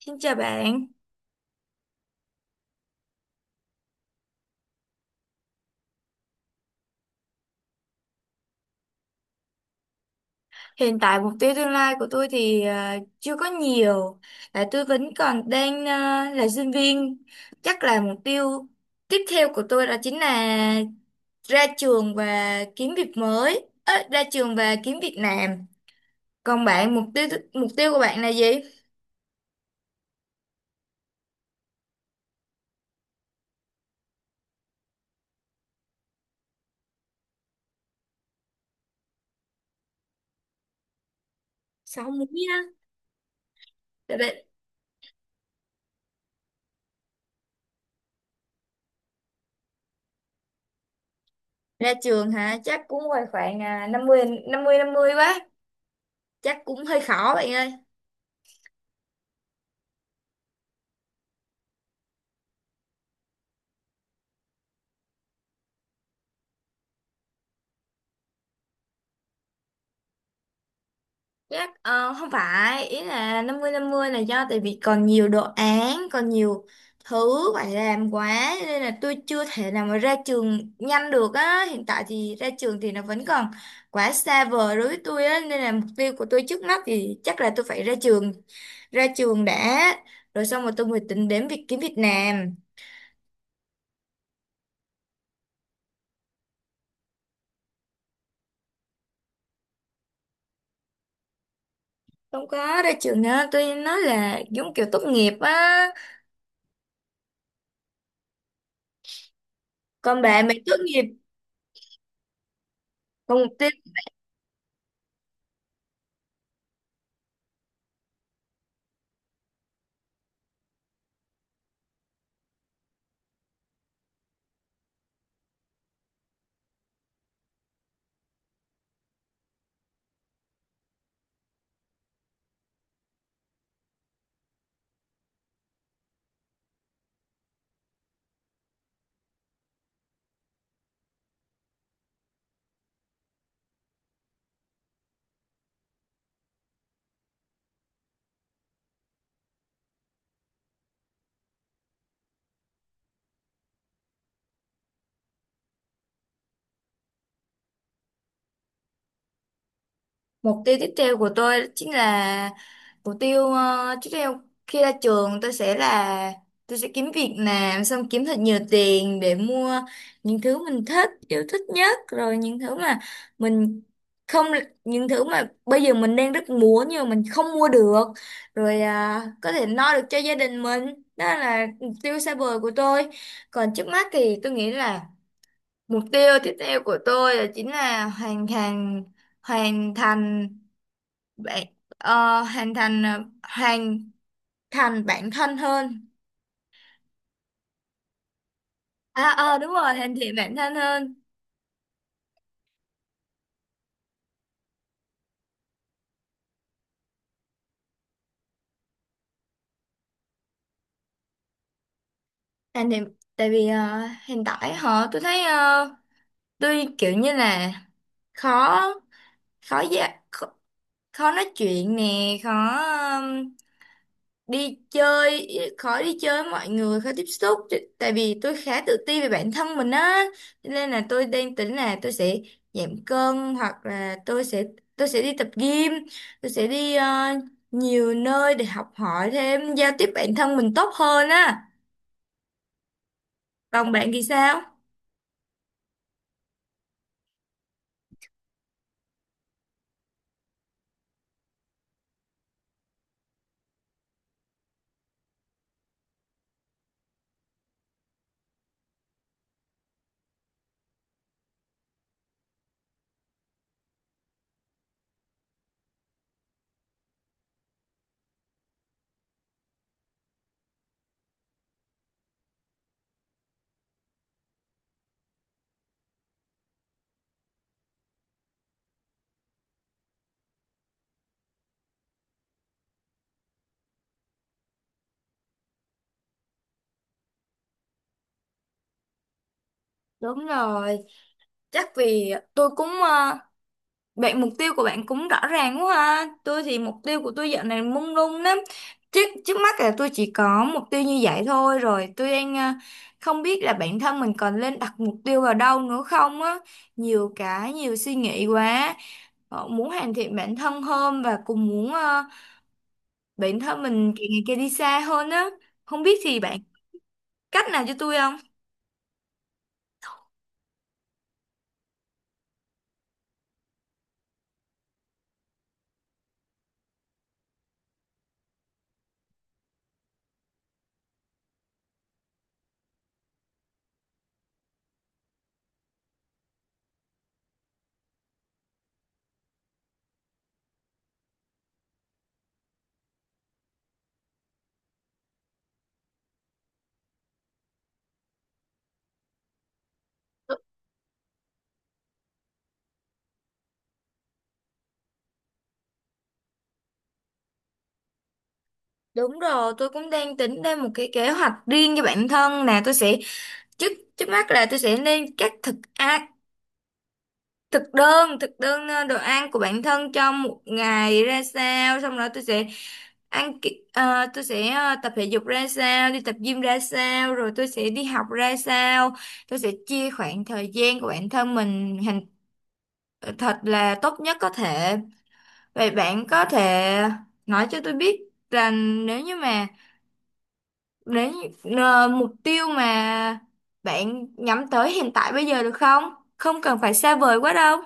Xin chào bạn. Hiện tại mục tiêu tương lai của tôi thì chưa có nhiều, tại tôi vẫn còn đang là sinh viên. Chắc là mục tiêu tiếp theo của tôi đó chính là ra trường và kiếm việc mới, ra trường và kiếm việc làm. Còn bạn mục tiêu của bạn là gì? Sáu múi á. Ra, ra trường hả? Chắc cũng ngoài khoảng năm mươi năm mươi năm mươi quá. Chắc cũng hơi khó bạn ơi. Chắc không phải ý là năm mươi là do tại vì còn nhiều đồ án còn nhiều thứ phải làm quá nên là tôi chưa thể nào mà ra trường nhanh được á. Hiện tại thì ra trường thì nó vẫn còn quá xa vời đối với tôi á, nên là mục tiêu của tôi trước mắt thì chắc là tôi phải ra trường đã, rồi xong rồi tôi mới tính đến việc kiếm việc làm. Không có ra trường nữa, tôi nói là giống kiểu tốt nghiệp á. Còn bà mày tốt nghiệp. Còn mục tiêu tiếp theo của tôi chính là mục tiêu tiếp theo khi ra trường tôi sẽ là tôi sẽ kiếm việc làm, xong kiếm thật nhiều tiền để mua những thứ mình thích, yêu thích nhất, rồi những thứ mà mình không những thứ mà bây giờ mình đang rất muốn nhưng mà mình không mua được, rồi có thể lo được cho gia đình mình. Đó là mục tiêu xa vời của tôi. Còn trước mắt thì tôi nghĩ là mục tiêu tiếp theo của tôi là chính là hoàn thành bạn- ờ, hoàn thành bản thân hơn. À ờ đúng rồi, hoàn thiện bản thân hơn. Hoàn thiện tại vì hiện tại họ tôi thấy tôi kiểu như là khó khó dạ khó, khó nói chuyện nè, đi chơi khó đi chơi với mọi người, khó tiếp xúc tại vì tôi khá tự ti về bản thân mình á. Cho nên là tôi đang tính là tôi sẽ giảm cân, hoặc là tôi sẽ đi tập gym, tôi sẽ đi nhiều nơi để học hỏi thêm, giao tiếp bản thân mình tốt hơn á. Còn bạn thì sao? Đúng rồi, chắc vì tôi cũng vậy mục tiêu của bạn cũng rõ ràng quá ha. Tôi thì mục tiêu của tôi dạo này mông lung lắm. Trước trước mắt là tôi chỉ có mục tiêu như vậy thôi rồi. Tôi đang không biết là bản thân mình còn nên đặt mục tiêu vào đâu nữa không á. Nhiều cái, nhiều suy nghĩ quá. Muốn hoàn thiện bản thân hơn, và cũng muốn bản thân mình càng ngày càng đi xa hơn á. Không biết thì bạn cách nào cho tôi không? Đ- Đúng rồi, tôi cũng đang tính ra một cái kế hoạch riêng cho bản thân nè. Tôi sẽ trước trước mắt là tôi sẽ lên các thực đơn, thực đơn đồ ăn của bản thân trong một ngày ra sao, xong rồi tôi sẽ tôi sẽ tập thể dục ra sao, đi tập gym ra sao, rồi tôi sẽ đi học ra sao. Tôi sẽ chia khoảng thời gian của bản thân mình hành thật là tốt nhất có thể. Vậy bạn có thể nói cho tôi biết rằng nếu như mà đến mục tiêu mà bạn nhắm tới hiện tại bây giờ được không? Không cần phải xa vời quá đâu.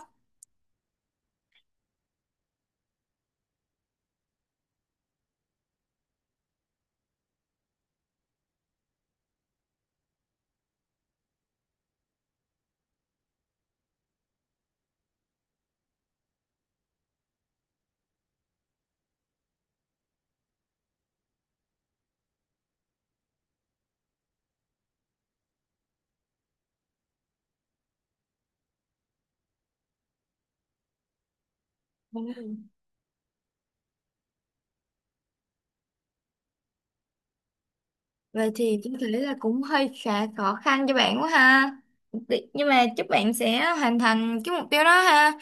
Ừ. Vậy thì tôi thấy là cũng hơi khá khó khăn cho bạn quá ha. Nhưng mà chúc bạn sẽ hoàn thành cái mục tiêu đó ha.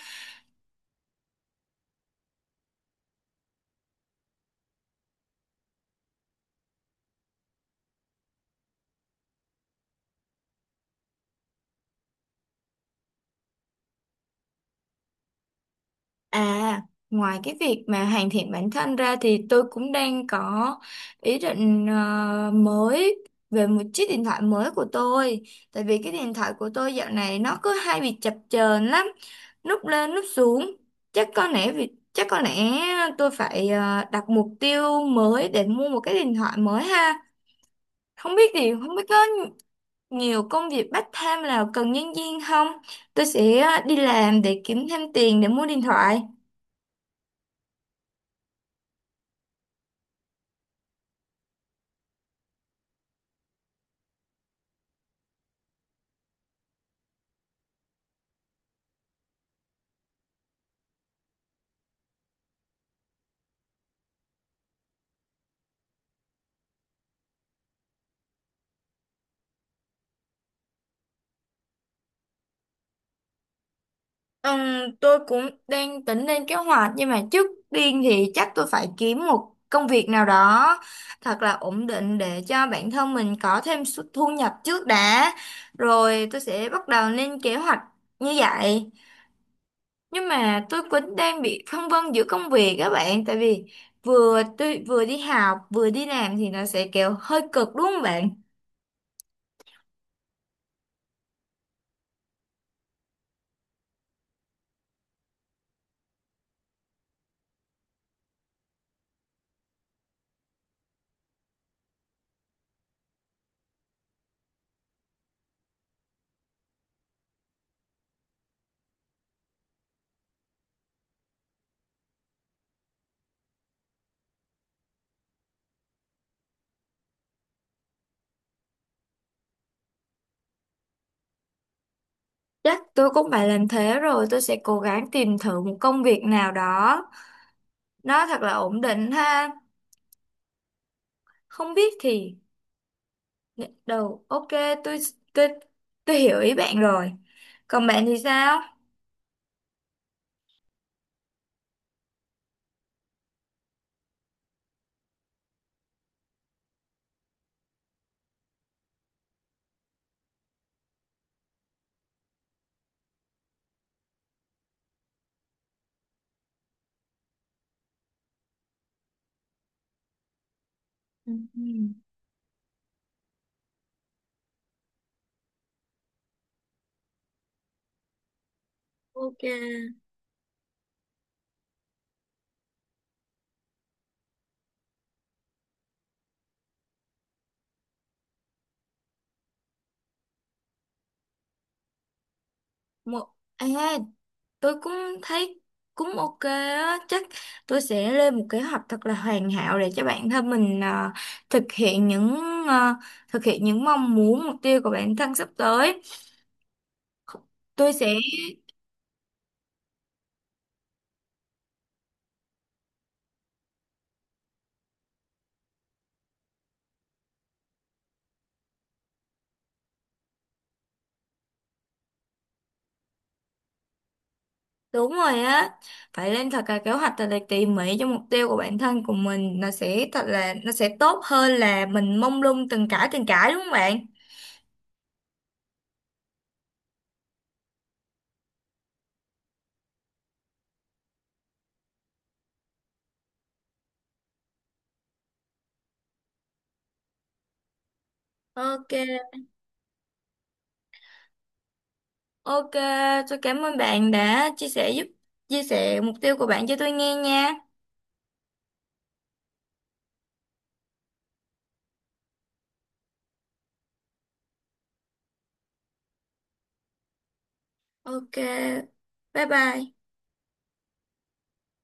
À, ngoài cái việc mà hoàn thiện bản thân ra thì tôi cũng đang có ý định mới về một chiếc điện thoại mới của tôi. Tại vì cái điện thoại của tôi dạo này nó cứ hay bị chập chờn lắm, lúc lên lúc xuống. Chắc có lẽ tôi phải đặt mục tiêu mới để mua một cái điện thoại mới ha. Không biết có nhiều công việc part time nào cần nhân viên không? Tôi sẽ đi làm để kiếm thêm tiền để mua điện thoại. Ừm, tôi cũng đang tính lên kế hoạch, nhưng mà trước tiên thì chắc tôi phải kiếm một công việc nào đó thật là ổn định để cho bản thân mình có thêm thu nhập trước đã, rồi tôi sẽ bắt đầu lên kế hoạch như vậy. Nhưng mà tôi cũng đang bị phân vân giữa công việc các bạn, tại vì vừa đi học vừa đi làm thì nó sẽ kiểu hơi cực đúng không bạn? Chắc tôi cũng phải làm thế, rồi tôi sẽ cố gắng tìm thử một công việc nào đó nó thật là ổn định ha. Không biết thì gật đầu ok. Tôi tôi tôi hiểu ý bạn rồi. Còn bạn thì sao? Ừ, ừ. Ok một à, tôi cũng thấy cũng ok á. Chắc tôi sẽ lên một kế hoạch thật là hoàn hảo để cho bản thân mình thực hiện những à, thực hiện những mong muốn, mục tiêu của bản thân sắp tới tôi sẽ. Đúng rồi á, phải lên thật là kế hoạch thật là tỉ mỉ cho mục tiêu của bản thân của mình, nó sẽ thật là nó sẽ tốt hơn là mình mông lung từng cãi đúng không bạn? Ok, ok, tôi cảm ơn bạn đã chia sẻ mục tiêu của bạn cho tôi nghe nha. Ok, bye bye.